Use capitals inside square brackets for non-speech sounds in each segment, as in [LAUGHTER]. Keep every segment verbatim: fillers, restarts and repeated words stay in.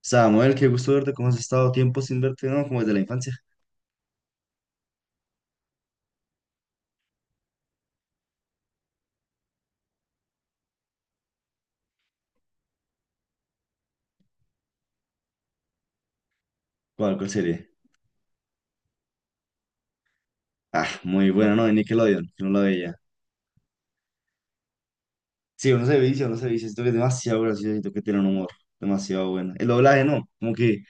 Samuel, qué gusto verte, ¿cómo has estado? Tiempo sin verte, ¿no? Como desde la infancia. ¿Cuál, cuál serie? Ah, muy buena, ¿no? De Nickelodeon, que no la veía. Sí, uno se vicia, uno se vicia, siento que es demasiado gracioso, siento que tiene un humor demasiado bueno. El doblaje, no, como que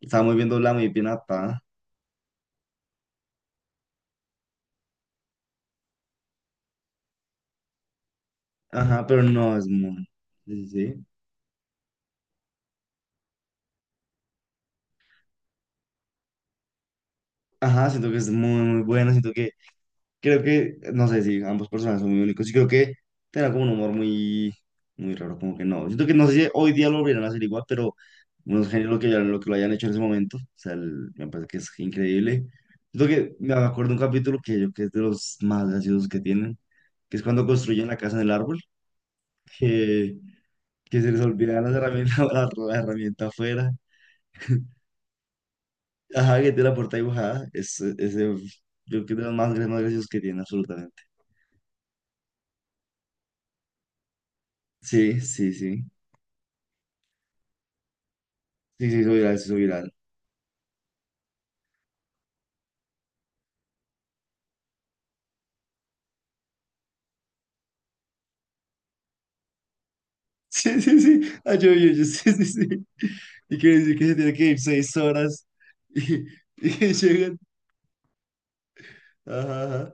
estaba muy bien doblado, muy bien adaptada. Ajá, pero no, es muy... Sí, sí, sí. Ajá, siento que es muy, muy bueno, siento que creo que, no sé si ambos personajes son muy únicos. Y creo que tenía como un humor muy, muy raro, como que no. Siento que no sé si hoy día lo volvieran a hacer igual, pero unos genios lo que, ya- lo que lo hayan hecho en ese momento. O sea, el- me parece que es increíble. Siento que me acuerdo de un capítulo que yo que es de los más graciosos que tienen, que es cuando construyen la casa en el árbol, [LAUGHS] que, que se les olvidan las herramientas, [LAUGHS] la, la herramienta afuera. Ajá, que tiene la puerta dibujada. Es, ese, yo creo que es de los más, gra- más graciosos que tiene, absolutamente. Sí, sí, sí. Sí, sí, soy viral, sí, soy viral. [LAUGHS] Sí, sí, sí. Ah, yo yo yo, [LAUGHS] sí, sí, sí. Y quiere decir que se tiene que ir seis horas. Y, y que llegan, ajá, ajá,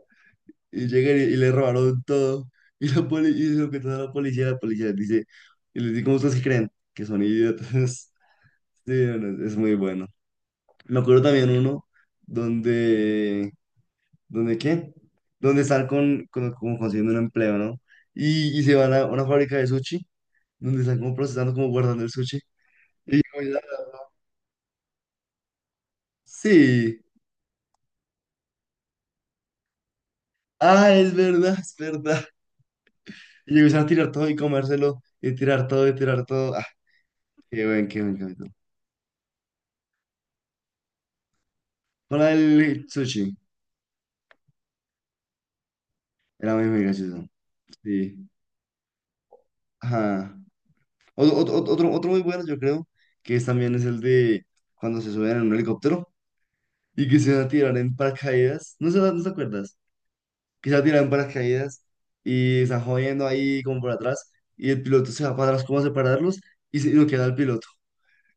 y llegan y, y le robaron todo. Y la poli, y se lo cuentan a la policía, la policía les dice, y les dice, ¿cómo ustedes que creen? Que son idiotas. [LAUGHS] Sí, no, no, es muy bueno. Me acuerdo también uno donde, ¿donde qué? Donde están con, con, como consiguiendo un empleo, ¿no? Y, y se van a una fábrica de sushi, donde están como procesando, como guardando el sushi. Y yo, sí. Ah, es verdad, es verdad. Y yo empecé a tirar todo y comérselo, y tirar todo, y tirar todo. Ah, qué buen, qué buen capítulo. Para el sushi, era muy, muy gracioso. Sí. Ajá. Otro, otro, otro, otro muy bueno, yo creo, que es también es el de cuando se suben en un helicóptero y que se van a tirar en paracaídas. No sé, ¿no te acuerdas? Que se van a tirar en paracaídas y están jodiendo ahí como por atrás y el piloto se va para atrás como a separarlos y se, y no queda el piloto.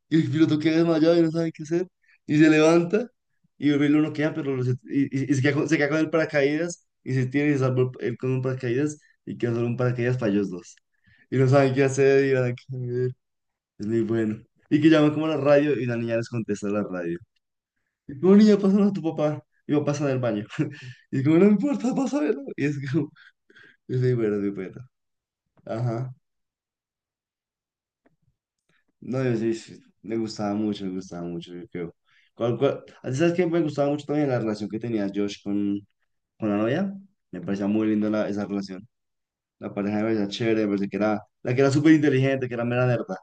Y el piloto queda desmayado y no sabe qué hacer. Y se levanta y el uno queda, pero los- y, y- y se queda con, se queda con el paracaídas y se tiene y se salvó él con un paracaídas y queda solo un paracaídas para ellos dos. Y no saben qué hacer y van a caer. Es muy bueno. Y que llaman como a la radio y la niña les contesta a la radio. Y como niña, pásalo a tu papá. Y papá está en el baño. [LAUGHS] Y como no me importa, pásalo. Y es como, es muy bueno, es muy bueno. Ajá. No, yo sí, sí, me gustaba mucho, me gustaba mucho, yo creo. ¿Cuál, cuál? ¿Ah, ¿sabes qué? Me gustaba mucho también la relación que tenía Josh con, con la novia. Me parecía muy linda la- esa relación. La pareja me parecía chévere, me parecía que era, la que era súper inteligente, que era mera nerda.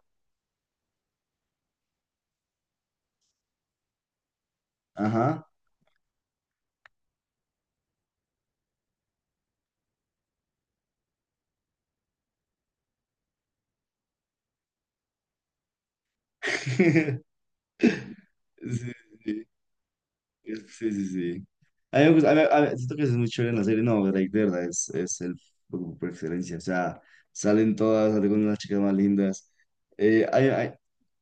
Ajá. [LAUGHS] Sí, sí, sí, sí, sí. A mí me gusta, a mí- a mí- siento que eso es muy chévere en la serie. No, Drake, de verdad, es, es el por, por excelencia. O sea, salen todas, salen con las chicas más lindas. Eh, hay, hay,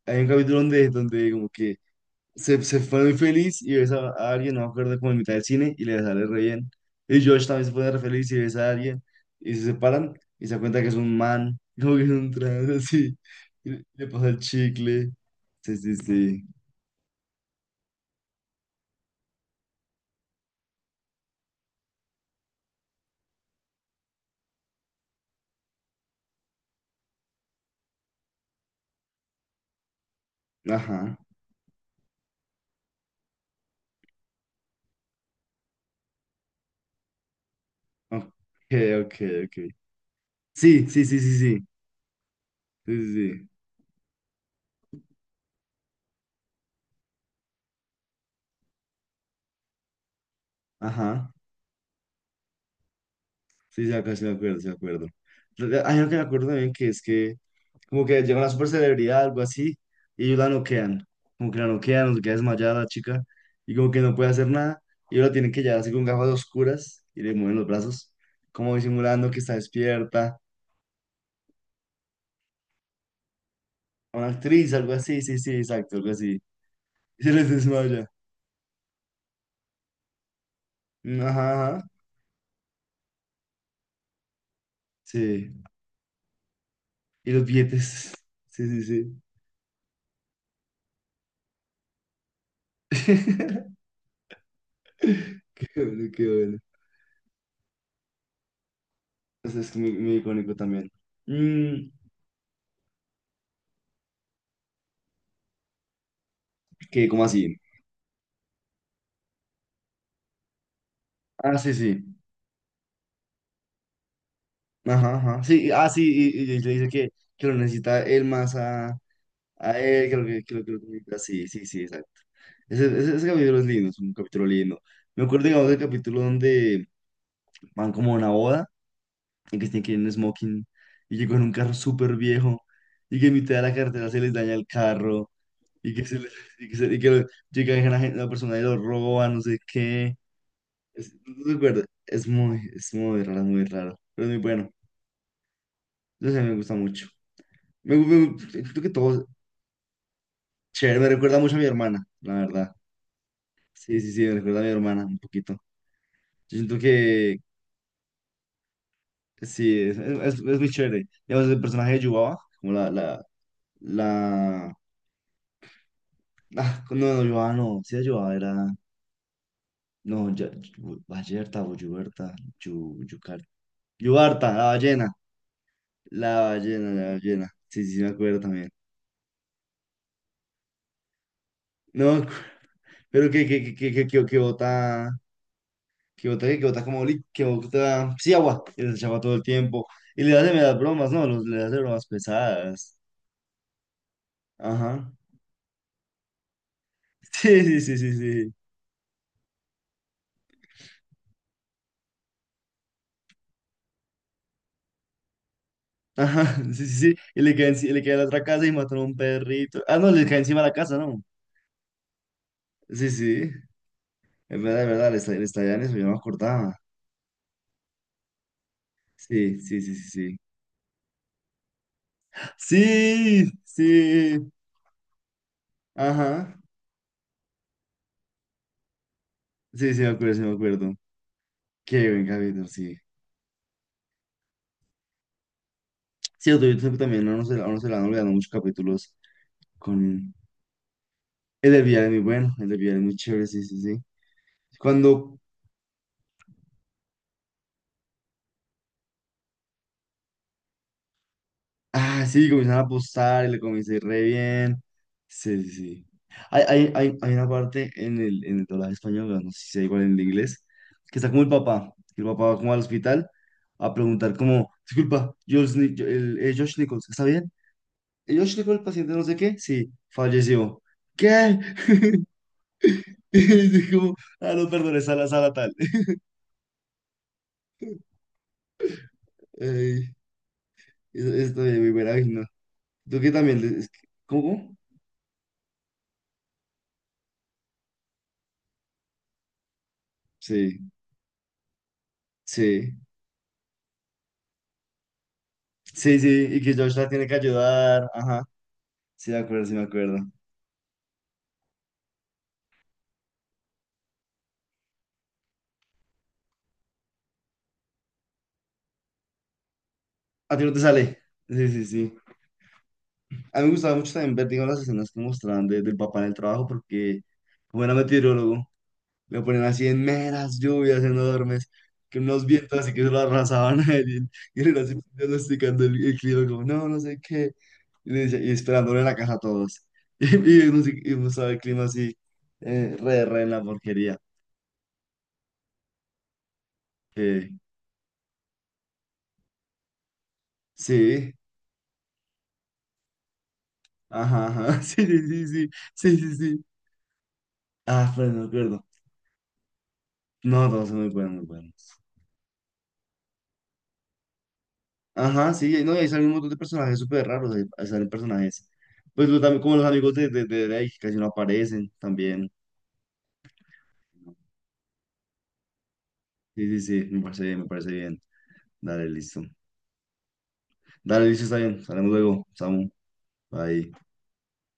Hay un capítulo donde, donde como que se, se fue muy feliz y ves a, a alguien, no me acuerdo, como en mitad del cine y le sale re bien. Y Josh también se pone re feliz y ves a alguien y se separan y se da cuenta que es un man, [LAUGHS] como que es un trans así. Y le le pasa el chicle. Sí, sí, sí. Ajá. Ok, ok, ok. Sí, sí, sí, sí, sí. Sí, sí, sí. Ajá. Sí, sí, acá sí me acuerdo, sí me acuerdo. Hay algo que me acuerdo también que es que como que llega una super celebridad, algo así, y ellos la noquean. Como que la noquean, nos queda desmayada la chica, y como que no puede hacer nada. Y ellos la tienen que llevar así con gafas oscuras, y le mueven los brazos, como disimulando que está despierta. Una actriz, algo así, sí, sí, exacto, algo así. Y se les desmaya. Mm, ajá, ajá, sí. Y los billetes, sí, sí, sí. [LAUGHS] Qué bueno, qué bueno. Entonces es muy, muy icónico también. Mm, que, ¿cómo así? Ah, sí, sí. Ajá, ajá. Sí, ah, sí, y, y- y le dice que, que lo necesita él más a, a él, que lo que, que lo que lo necesita. Sí, sí, sí, exacto. Ese, ese, ese capítulo es lindo, es un capítulo lindo. Me acuerdo, digamos, del capítulo donde van como a una boda y que tienen que ir en smoking y que con un carro súper viejo y que en mitad de la carretera se les daña el carro y que, se les- y que, se- y que lo- llega la, gente- la persona y lo roba, no sé qué. Es, no recuerdo, es muy, es muy raro, muy raro, pero es muy bueno. Yo sé, me gusta mucho. Me, me- siento que todo chévere, me recuerda mucho a mi hermana, la verdad. Sí, sí, sí, me recuerda a mi hermana un poquito. Yo siento que sí, es, es, es muy chévere. Digamos, el personaje de Yubaba, como la, la, la... Ah, no, no, Yubaba no, sí, Yubaba era... No, ya, Yu- Bayerta o Yuberta, Yu, Yucar… Yubarta, la ballena, la ballena, la ballena. Sí, sí, sí, me acuerdo también. No, pero que, que, que, que, que, que bota… que bota, que bota como li- que bota, sí, agua, y les echaba todo el tiempo. Y le hace meras bromas, ¿no? Los, le hace bromas pesadas. Ajá. [LAUGHS] Sí, sí, sí, sí, sí. Ajá, [LAUGHS] sí, sí, sí. Y le cae, enci- le cae a la otra casa y mataron a un perrito. Ah, no, le cae encima de la casa, ¿no? Sí, sí. Es verdad, es verdad, le está, le estallan eso, yo no me acordaba. Sí, sí, sí, sí, sí. [LAUGHS] Sí, sí. Ajá. Sí, sí, me acuerdo, sí, me acuerdo. Qué buen capítulo, sí. Sí, yo también, no, no se, no se le han olvidado muchos capítulos con. El del villano es muy bueno, el del villano es muy chévere, sí, sí, sí. Cuando, ah, sí, comienzan a apostar y le comienza a ir re bien. Sí, sí, sí. Hay, hay, hay, hay una parte en el, en el doblaje español, bueno, no sé si sea igual en el inglés, que está como el papá, que el papá va como al hospital a preguntar como, disculpa, Josh, Ni- yo- el, eh, Josh Nichols, ¿está bien? ¿El Josh Nichols, el paciente no sé qué? Sí, falleció. ¿Qué? [LAUGHS] Y dijo, ah, no, perdón, es a la sala tal. [LAUGHS] Ay, es- es también es muy buena, ay, no. ¿Tú qué también? Es que- ¿cómo? Sí, sí, sí, sí, y que Josh la tiene que ayudar, ajá, sí me acuerdo, sí me acuerdo. A ti no te sale, sí, sí, sí. A mí me gustaba mucho también ver, digamos, las escenas que mostraban de- del papá en el trabajo, porque como era meteorólogo, lo ponían así en meras lluvias enormes, que unos vientos así que se lo arrasaban a él, y él era así diagnosticando el, el clima, como, no, no sé qué, y, le decía- y esperándole en la casa a todos, [LAUGHS] y, y, uno, sí- y uno sabe el clima así, eh, re, re en la porquería. Eh, sí. Ajá, ajá. [LAUGHS] Sí, sí, sí, sí, sí, sí, sí. Ah, pero no recuerdo. No, todos son muy buenos, muy buenos. Ajá, sí, no, y ahí salen un montón de personajes súper raros, ahí ahí salen personajes. Pues lo- también como los amigos de, de, de Drake, que casi no aparecen también. Sí, sí, sí, me parece bien, me parece bien. Dale, listo. Dale, listo, está bien. Salimos luego, Samu. Bye.